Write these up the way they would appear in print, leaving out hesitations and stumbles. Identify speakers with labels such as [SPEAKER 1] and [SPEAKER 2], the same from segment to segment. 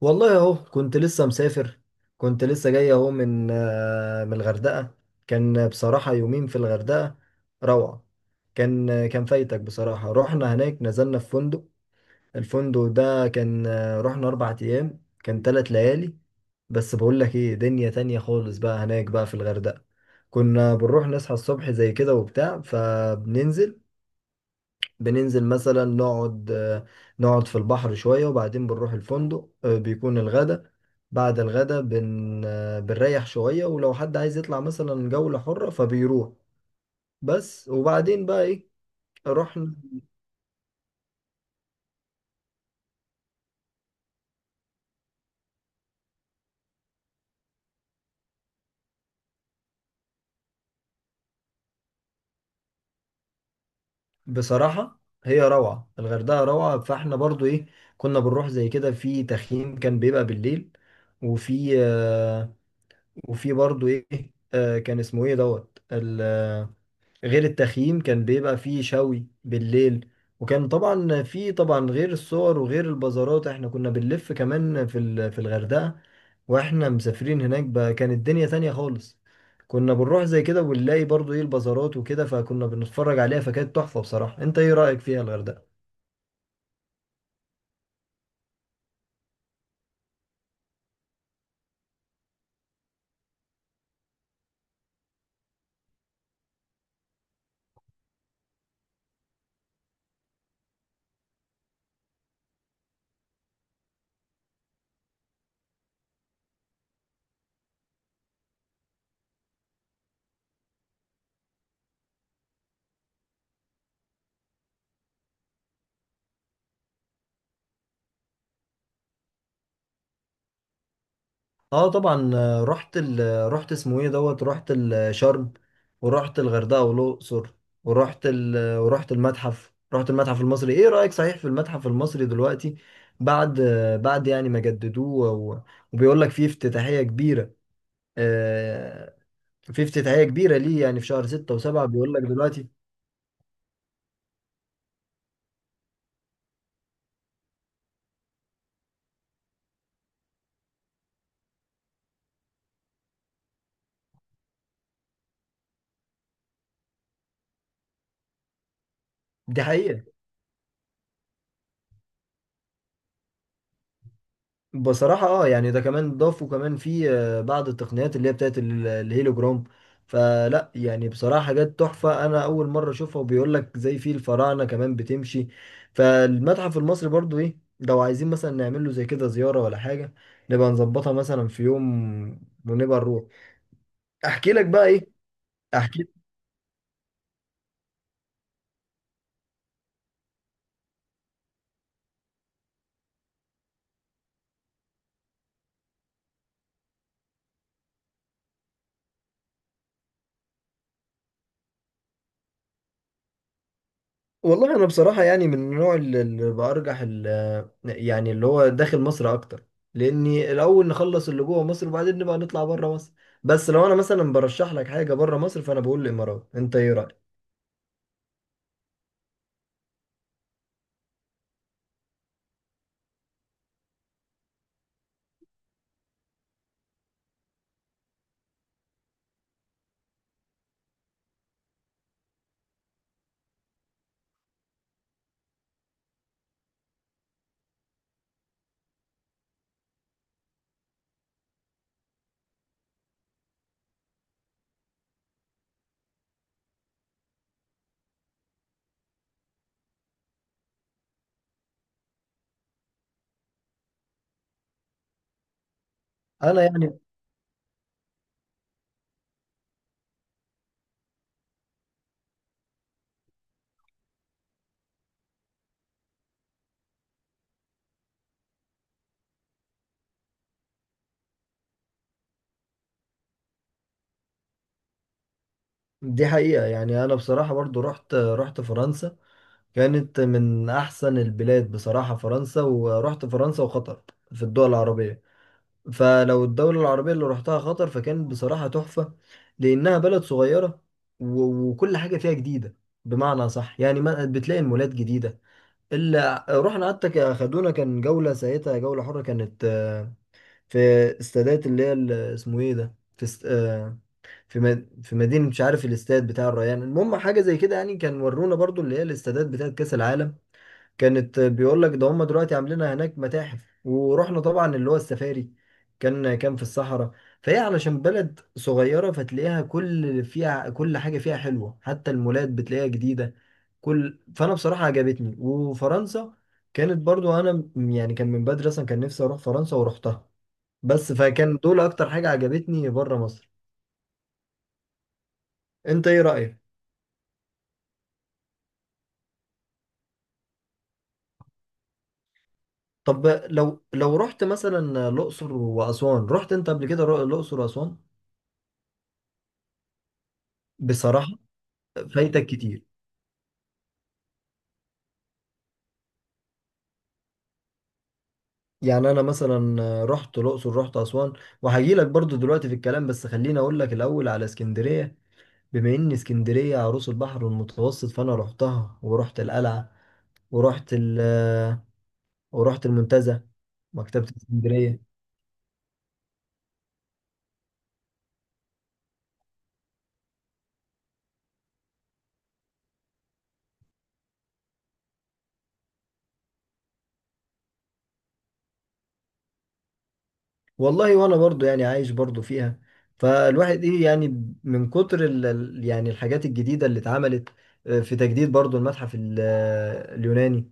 [SPEAKER 1] والله اهو كنت لسه مسافر. كنت لسه جاي اهو من الغردقة. كان بصراحة يومين في الغردقة. روعة. كان فايتك بصراحة، رحنا هناك، نزلنا في فندق. الفندق ده كان، رحنا 4 أيام، كان 3 ليالي. بس بقول لك ايه، دنيا تانية خالص بقى هناك، بقى في الغردقة. كنا بنروح نصحى الصبح زي كده وبتاع، فبننزل. مثلا نقعد في البحر شوية، وبعدين بنروح الفندق، بيكون الغدا. بعد الغدا بن آه، بنريح شوية، ولو حد عايز يطلع مثلا جولة حرة فبيروح. بس. وبعدين بقى ايه. رحنا. بصراحة هي روعة، الغردقة روعة، فاحنا برضو ايه. كنا بنروح زي كده في تخييم، كان بيبقى بالليل. وفي آه، وفي برضو ايه. كان اسمه ايه دوت. غير التخييم كان بيبقى فيه شوي بالليل. وكان طبعا، في طبعا غير الصور وغير البازارات، احنا كنا بنلف كمان في الغردقة. واحنا مسافرين هناك بقى كانت الدنيا تانية خالص. كنا بنروح زي كده ونلاقي برضو ايه البازارات وكده، فكنا بنتفرج عليها، فكانت تحفة بصراحة. انت ايه رأيك فيها الغردقة؟ اه طبعا. رحت ال... آه، رحت اسمه ايه دوت، رحت شرم. ورحت الغردقه والاقصر. ورحت ال... آه، ورحت المتحف، المتحف المصري. ايه رايك، صحيح في المتحف المصري دلوقتي، بعد يعني ما جددوه، وبيقول لك فيه افتتاحيه كبيره. آه، في افتتاحيه كبيره ليه يعني، في شهر 6 و7 بيقول لك دلوقتي. دي حقيقه. بصراحة اه يعني ده، كمان ضافوا كمان في بعض التقنيات اللي هي بتاعت الهيلوجرام. فلا يعني بصراحة حاجات تحفة، أنا أول مرة أشوفها، وبيقول لك زي في الفراعنة كمان بتمشي. فالمتحف المصري برضو إيه، لو عايزين مثلا نعمل له زي كده زيارة ولا حاجة، نبقى نظبطها مثلا في يوم، ونبقى نروح. أحكي لك بقى إيه. أحكي. والله انا بصراحه يعني، من النوع اللي برجح يعني اللي هو داخل مصر اكتر. لاني الاول نخلص اللي جوه مصر، وبعدين نبقى نطلع بره مصر. بس لو انا مثلا برشح لك حاجه بره مصر، فانا بقول الامارات. انت ايه رايك؟ انا يعني دي حقيقه، يعني انا بصراحه برضو، رحت فرنسا. كانت من احسن البلاد بصراحه فرنسا. ورحت فرنسا وقطر في الدول العربيه. فلو الدولة العربية اللي رحتها خطر، فكان بصراحة تحفة. لأنها بلد صغيرة، و- وكل حاجة فيها جديدة. بمعنى صح يعني، ما بتلاقي المولات جديدة. اللي رحنا حتى خدونا كان جولة، ساعتها جولة حرة كانت، في استادات اللي هي اسمه ايه ده، في است... آه، في مدينة مش عارف، الاستاد بتاع الريان. المهم حاجة زي كده، يعني كان ورونا برضو اللي هي الاستادات بتاعة كأس العالم. كانت بيقول لك ده، هم دلوقتي عاملين هناك متاحف. ورحنا طبعا اللي هو السفاري، كان في الصحراء. فهي علشان بلد صغيرة، فتلاقيها كل حاجة فيها حلوة، حتى المولات بتلاقيها جديدة. فأنا بصراحة عجبتني. وفرنسا كانت برضو، أنا يعني كان من بدري أصلا كان نفسي أروح فرنسا ورحتها. بس فكان دول أكتر حاجة عجبتني بره مصر. أنت إيه رأيك؟ طب لو رحت مثلا الأقصر وأسوان، رحت أنت قبل كده الأقصر وأسوان؟ بصراحة فايتك كتير. يعني انا مثلا رحت الاقصر، رحت اسوان. وهجي لك برضو دلوقتي في الكلام، بس خليني اقول لك الاول على اسكندريه. بما ان اسكندريه عروس البحر المتوسط، فانا رحتها ورحت القلعه، ورحت ال ورحت المنتزه، مكتبه اسكندريه. والله وانا برضو يعني عايش برضو فيها. فالواحد ايه، يعني من كتر يعني الحاجات الجديده اللي اتعملت. في تجديد برضو المتحف، اليوناني،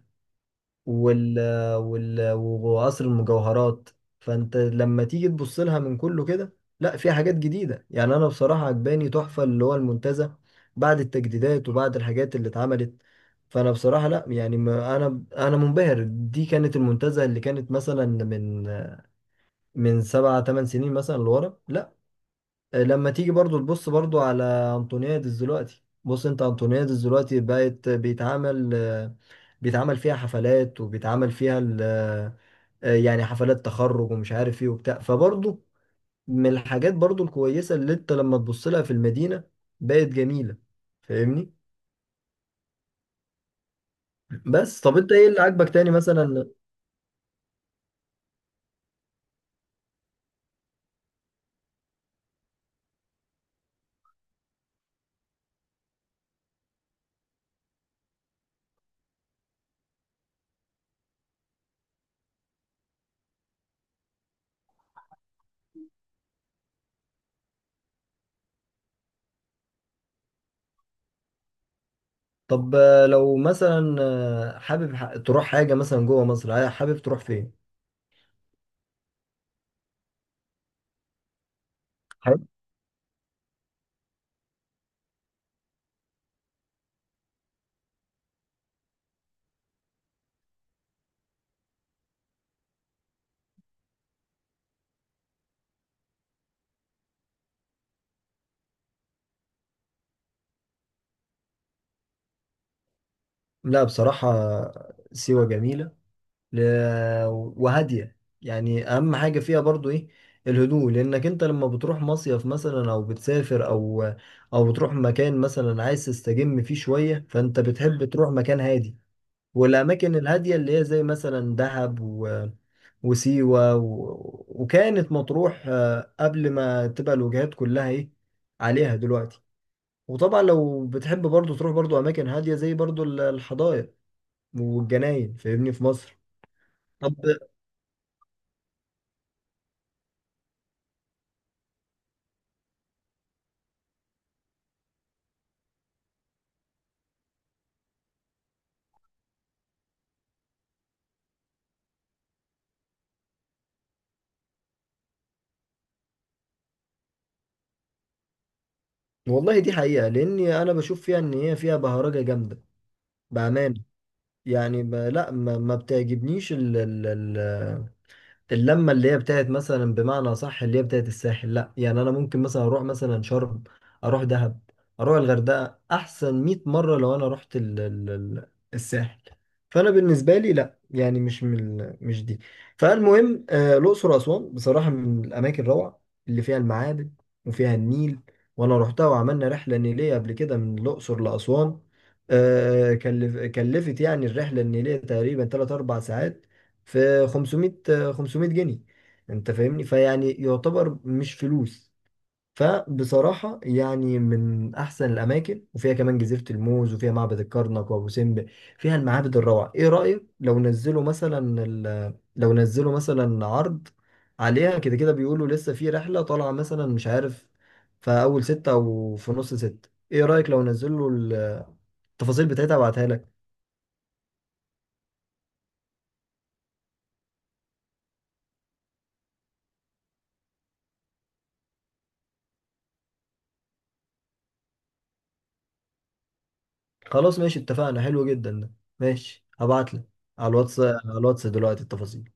[SPEAKER 1] وال وقصر المجوهرات. فانت لما تيجي تبص لها من كله كده، لا في حاجات جديدة. يعني انا بصراحة عجباني تحفة اللي هو المنتزه بعد التجديدات وبعد الحاجات اللي اتعملت. فانا بصراحة، لا يعني، ما انا منبهر، دي كانت المنتزه اللي كانت مثلا من 7 8 سنين مثلا لورا. لا، لما تيجي برضو تبص برضو على انطونيادس دلوقتي، بص انت انطونيادس دلوقتي بقت بيتعمل فيها حفلات، وبيتعمل فيها يعني حفلات تخرج ومش عارف ايه وبتاع، فبرضو من الحاجات برضو الكويسة اللي انت لما تبص لها في المدينة، بقت جميلة. فاهمني. بس طب انت ايه اللي عاجبك تاني مثلا؟ طب لو مثلا حابب تروح حاجة مثلا جوه مصر، حابب تروح فين؟ حابب؟ لا بصراحة سيوة جميلة، ل- وهادية. يعني أهم حاجة فيها برضو إيه، الهدوء. لأنك أنت لما بتروح مصيف مثلا، أو بتسافر، أو بتروح مكان مثلا عايز تستجم فيه شوية، فأنت بتحب تروح مكان هادي. والأماكن الهادية اللي هي زي مثلا دهب وسيوة و... وكانت مطروح، قبل ما تبقى الوجهات كلها إيه عليها دلوقتي. وطبعا لو بتحب برضو تروح برضو أماكن هادية، زي برضو الحدائق والجناين، فاهمني، في مصر. طب والله دي حقيقة، لأني أنا بشوف فيها إن هي فيها بهرجة جامدة، بأمانة. يعني لا ما بتعجبنيش ال... اللمه اللي هي بتاعت مثلا بمعنى صح، اللي هي بتاعت الساحل. لا يعني، انا ممكن مثلا اروح مثلا شرم، اروح دهب، اروح الغردقه احسن 100 مره لو انا رحت ال الساحل. فانا بالنسبه لي لا يعني، مش من مش دي. فالمهم الاقصر واسوان بصراحه من الاماكن الروعه، اللي فيها المعابد وفيها النيل. وانا رحتها، وعملنا رحله نيليه قبل كده من الاقصر لاسوان. كلفت يعني الرحله النيليه تقريبا 3 4 ساعات، في 500 جنيه. انت فاهمني، فيعني يعتبر مش فلوس. فبصراحة يعني من أحسن الأماكن، وفيها كمان جزيرة الموز وفيها معبد الكرنك وأبو سمبل. فيها المعابد الروعة. إيه رأيك لو نزلوا مثلا عرض عليها كده كده، بيقولوا لسه في رحلة طالعة مثلا مش عارف، في أول 6 أو في نص 6. إيه رأيك لو نزلوا التفاصيل بتاعتها وابعتها لك؟ خلاص ماشي، اتفقنا، حلو جدا ده. ماشي، هبعتلك على الواتس دلوقتي التفاصيل.